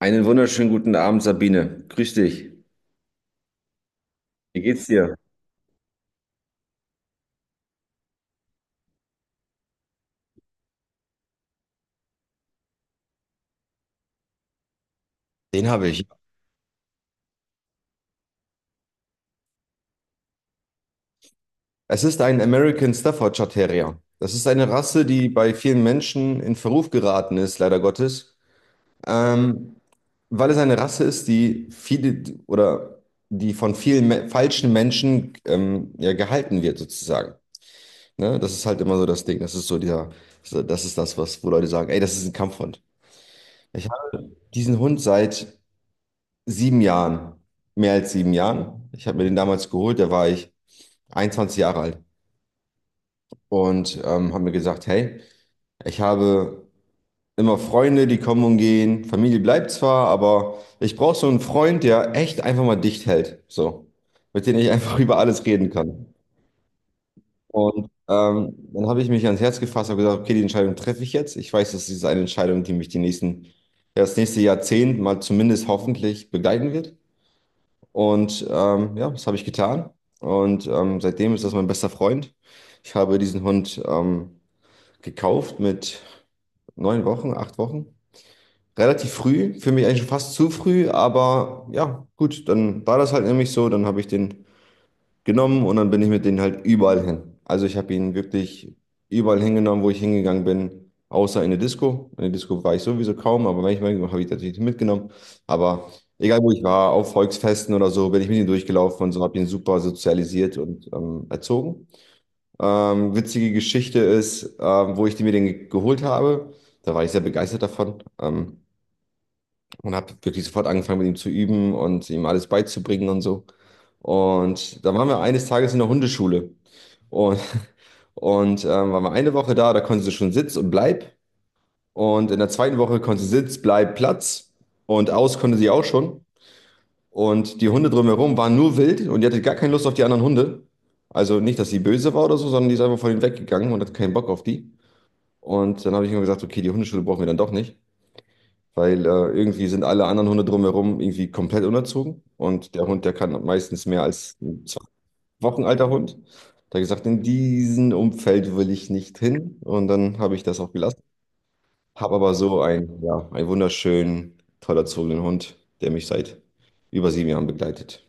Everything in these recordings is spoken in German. Einen wunderschönen guten Abend, Sabine. Grüß dich. Wie geht's dir? Den habe ich. Es ist ein American Staffordshire Terrier. Das ist eine Rasse, die bei vielen Menschen in Verruf geraten ist, leider Gottes, ähm, weil es eine Rasse ist, die viele oder die von vielen me falschen Menschen, ja, gehalten wird, sozusagen. Ne? Das ist halt immer so das Ding. Das ist so dieser, so, das ist das, was, wo Leute sagen, ey, das ist ein Kampfhund. Ich habe diesen Hund seit 7 Jahren, mehr als 7 Jahren. Ich habe mir den damals geholt, da war ich 21 Jahre alt und habe mir gesagt, hey, ich habe immer Freunde, die kommen und gehen. Familie bleibt zwar, aber ich brauche so einen Freund, der echt einfach mal dicht hält, so, mit dem ich einfach über alles reden kann. Und dann habe ich mich ans Herz gefasst und gesagt, okay, die Entscheidung treffe ich jetzt. Ich weiß, das ist eine Entscheidung, die mich die nächsten, ja, das nächste Jahrzehnt mal zumindest hoffentlich begleiten wird. Und ja, das habe ich getan. Und seitdem ist das mein bester Freund. Ich habe diesen Hund gekauft mit 9 Wochen, 8 Wochen. Relativ früh, für mich eigentlich schon fast zu früh, aber ja, gut, dann war das halt nämlich so. Dann habe ich den genommen und dann bin ich mit denen halt überall hin. Also ich habe ihn wirklich überall hingenommen, wo ich hingegangen bin, außer in eine Disco. In eine Disco war ich sowieso kaum, aber manchmal habe ich natürlich mitgenommen. Aber egal wo ich war, auf Volksfesten oder so, bin ich mit ihm durchgelaufen und so habe ihn super sozialisiert und erzogen. Witzige Geschichte ist, wo ich die mir den geholt habe. Da war ich sehr begeistert davon. Und habe wirklich sofort angefangen, mit ihm zu üben und ihm alles beizubringen und so. Und dann waren wir eines Tages in der Hundeschule. Und, waren wir eine Woche da, da konnte sie schon Sitz und Bleib. Und in der zweiten Woche konnte sie Sitz, Bleib, Platz. Und aus konnte sie auch schon. Und die Hunde drumherum waren nur wild und die hatte gar keine Lust auf die anderen Hunde. Also nicht, dass sie böse war oder so, sondern die ist einfach von ihnen weggegangen und hat keinen Bock auf die. Und dann habe ich immer gesagt, okay, die Hundeschule brauchen wir dann doch nicht, weil irgendwie sind alle anderen Hunde drumherum irgendwie komplett unerzogen und der Hund, der kann meistens mehr als ein zwei Wochen alter Hund. Da hab ich gesagt, in diesem Umfeld will ich nicht hin und dann habe ich das auch gelassen. Habe aber so einen, ja, einen wunderschönen, toll erzogenen Hund, der mich seit über 7 Jahren begleitet.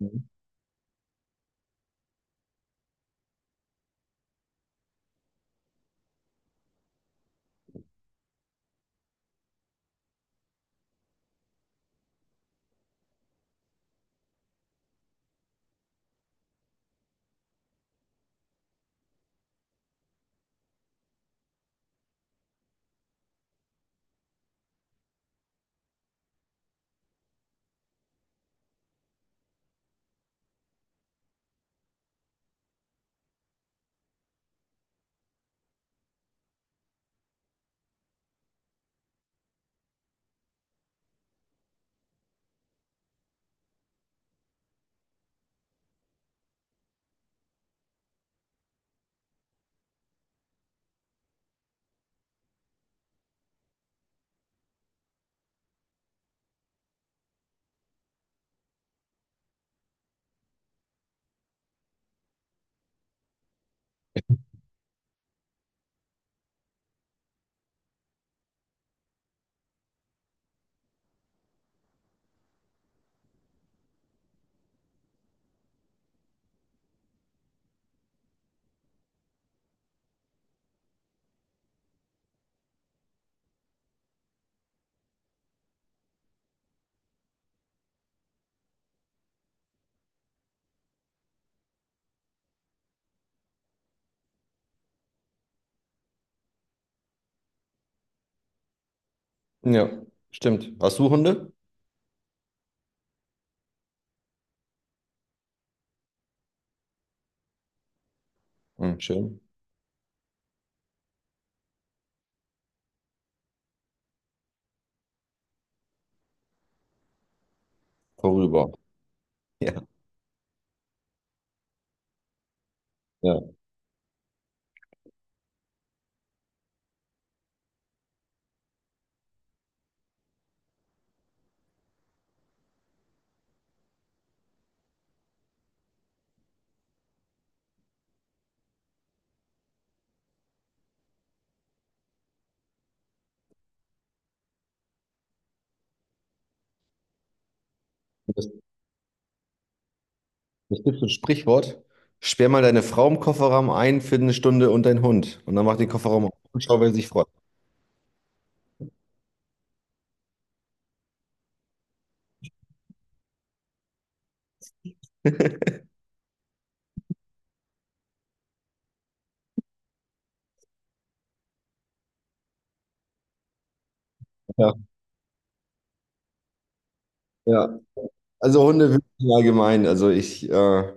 Mhm. Ja, stimmt. Hast du Hunde? Hm, schön. Vorüber. Ja, ja. Es gibt so ein Sprichwort, sperr mal deine Frau im Kofferraum ein für eine Stunde und deinen Hund. Und dann mach den Kofferraum auf und schau, wer sich freut. Ja, ja. Also Hunde wirklich allgemein. Also ich,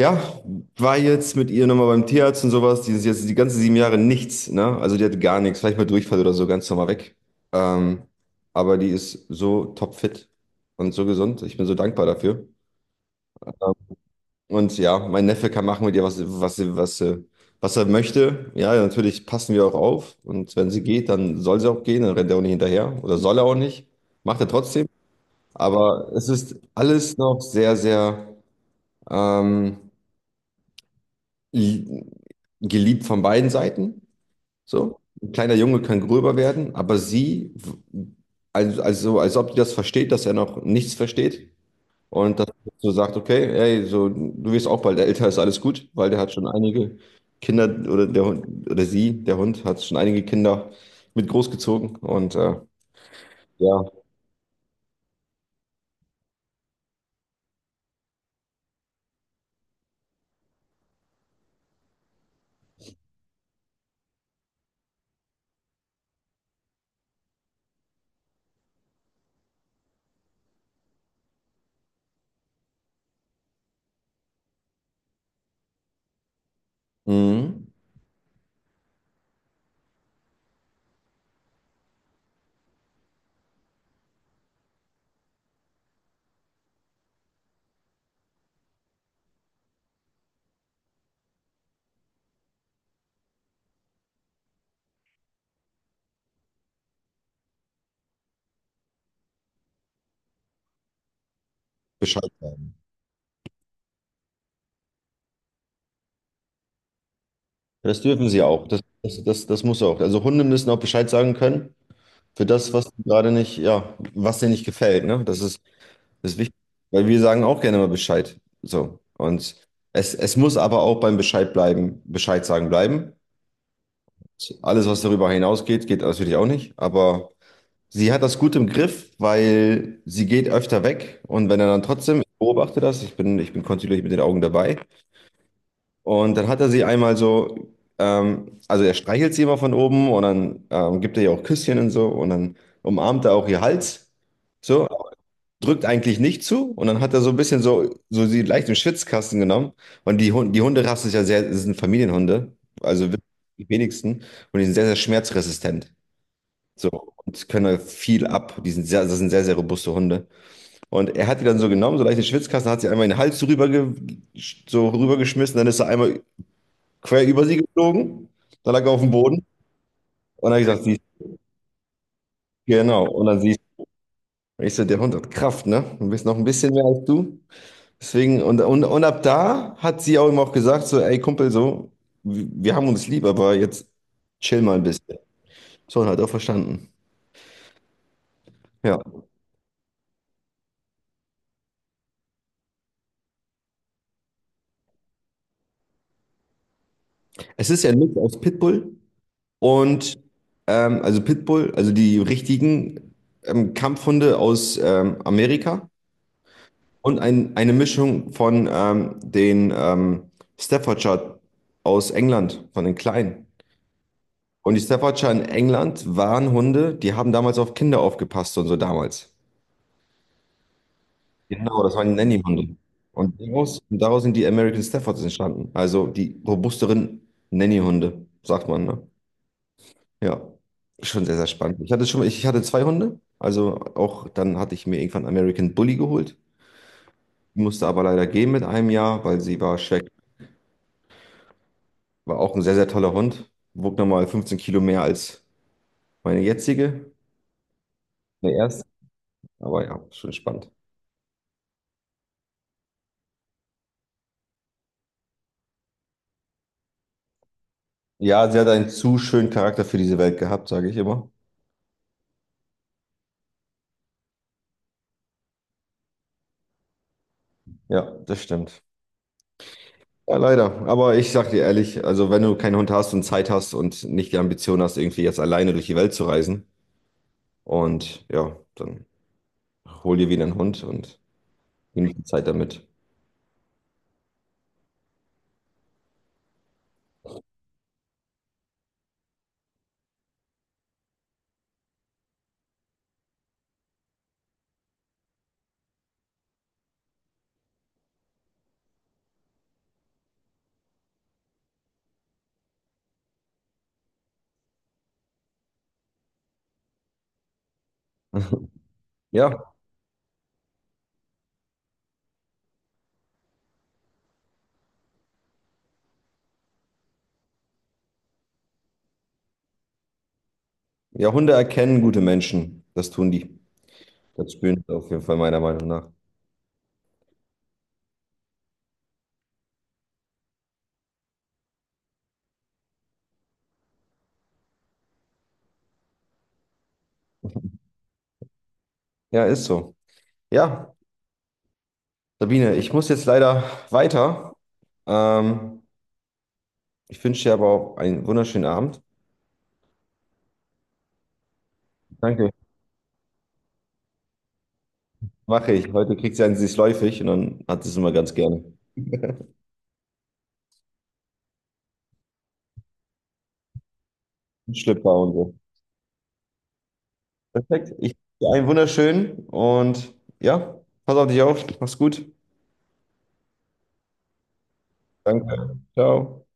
ja, war jetzt mit ihr nochmal beim Tierarzt und sowas. Die ist jetzt die ganzen 7 Jahre nichts, ne? Also die hat gar nichts, vielleicht mal Durchfall oder so, ganz normal weg. Ähm, aber die ist so topfit und so gesund. Ich bin so dankbar dafür. Und ja, mein Neffe kann machen mit ihr, was er möchte. Ja, natürlich passen wir auch auf. Und wenn sie geht, dann soll sie auch gehen. Dann rennt er auch nicht hinterher. Oder soll er auch nicht. Macht er trotzdem. Aber es ist alles noch sehr, sehr ähm, li- geliebt von beiden Seiten. So. Ein kleiner Junge kann gröber werden, aber sie, also als ob die das versteht, dass er noch nichts versteht. Und dass man so sagt, okay, ey, so, du wirst auch bald älter, ist alles gut, weil der hat schon einige Kinder oder der Hund oder sie, der Hund, hat schon einige Kinder mit großgezogen und ja, mhm. Bescheid sagen. Das dürfen sie auch. Das muss auch. Also Hunde müssen auch Bescheid sagen können für das, was sie gerade nicht, ja, was dir nicht gefällt, ne? Das ist wichtig, weil wir sagen auch gerne mal Bescheid. So. Und es muss aber auch beim Bescheid bleiben, Bescheid sagen bleiben. Alles, was darüber hinausgeht, geht natürlich auch nicht. Aber sie hat das gut im Griff, weil sie geht öfter weg. Und wenn er dann trotzdem, ich beobachte das, ich bin kontinuierlich mit den Augen dabei. Und dann hat er sie einmal so, also er streichelt sie immer von oben und dann gibt er ihr auch Küsschen und so. Und dann umarmt er auch ihr Hals. So, drückt eigentlich nicht zu. Und dann hat er so ein bisschen so, so sie leicht im Schwitzkasten genommen. Und die Hunderasse ist ja sehr, es sind Familienhunde. Also die wenigsten. Und die sind sehr, sehr schmerzresistent. So, und können halt viel ab. Das sind sehr, sehr robuste Hunde. Und er hat die dann so genommen, so leichte Schwitzkasten, hat sie einmal in den Hals so rübergeschmissen, dann ist er einmal quer über sie geflogen, dann lag er auf dem Boden und dann habe ich gesagt, siehst du, genau. Und dann siehst du, ich so, der Hund hat Kraft, ne? Du bist noch ein bisschen mehr als du. Deswegen, und ab da hat sie auch ihm auch gesagt, so, ey Kumpel, so, wir haben uns lieb, aber jetzt chill mal ein bisschen. So, und hat auch verstanden. Ja. Es ist ja ein Mix aus Pitbull. Und also Pitbull, also die richtigen Kampfhunde aus Amerika und eine Mischung von den Staffordshire aus England, von den Kleinen. Und die Staffordshire in England waren Hunde, die haben damals auf Kinder aufgepasst und so damals. Genau, das waren Nanny-Hunde. Und daraus sind die American Staffords entstanden. Also die robusteren Nanny-Hunde, sagt man, ne? Ja, schon sehr, sehr spannend. Ich hatte zwei Hunde. Also auch dann hatte ich mir irgendwann American Bully geholt. Musste aber leider gehen mit einem Jahr, weil sie war schwer. War auch ein sehr, sehr toller Hund. Wog nochmal 15 Kilo mehr als meine jetzige, meine erste. Aber ja, schon spannend. Ja, sie hat einen zu schönen Charakter für diese Welt gehabt, sage ich immer. Ja, das stimmt. Ja, leider. Aber ich sag dir ehrlich, also wenn du keinen Hund hast und Zeit hast und nicht die Ambition hast, irgendwie jetzt alleine durch die Welt zu reisen und ja, dann hol dir wieder einen Hund und genieße die Zeit damit. Ja, ja, Hunde erkennen gute Menschen. Das tun die. Das spüren sie auf jeden Fall meiner Meinung nach. Ja, ist so. Ja, Sabine, ich muss jetzt leider weiter. Ähm, ich wünsche dir aber auch einen wunderschönen Abend. Danke. Mache ich. Heute kriegt sie einen süßläufig und dann hat sie es immer ganz gerne. Ein Schlüpper und so. Perfekt. Ich wünsche dir einen wunderschönen und ja, pass auf dich auf. Mach's gut. Danke. Ciao.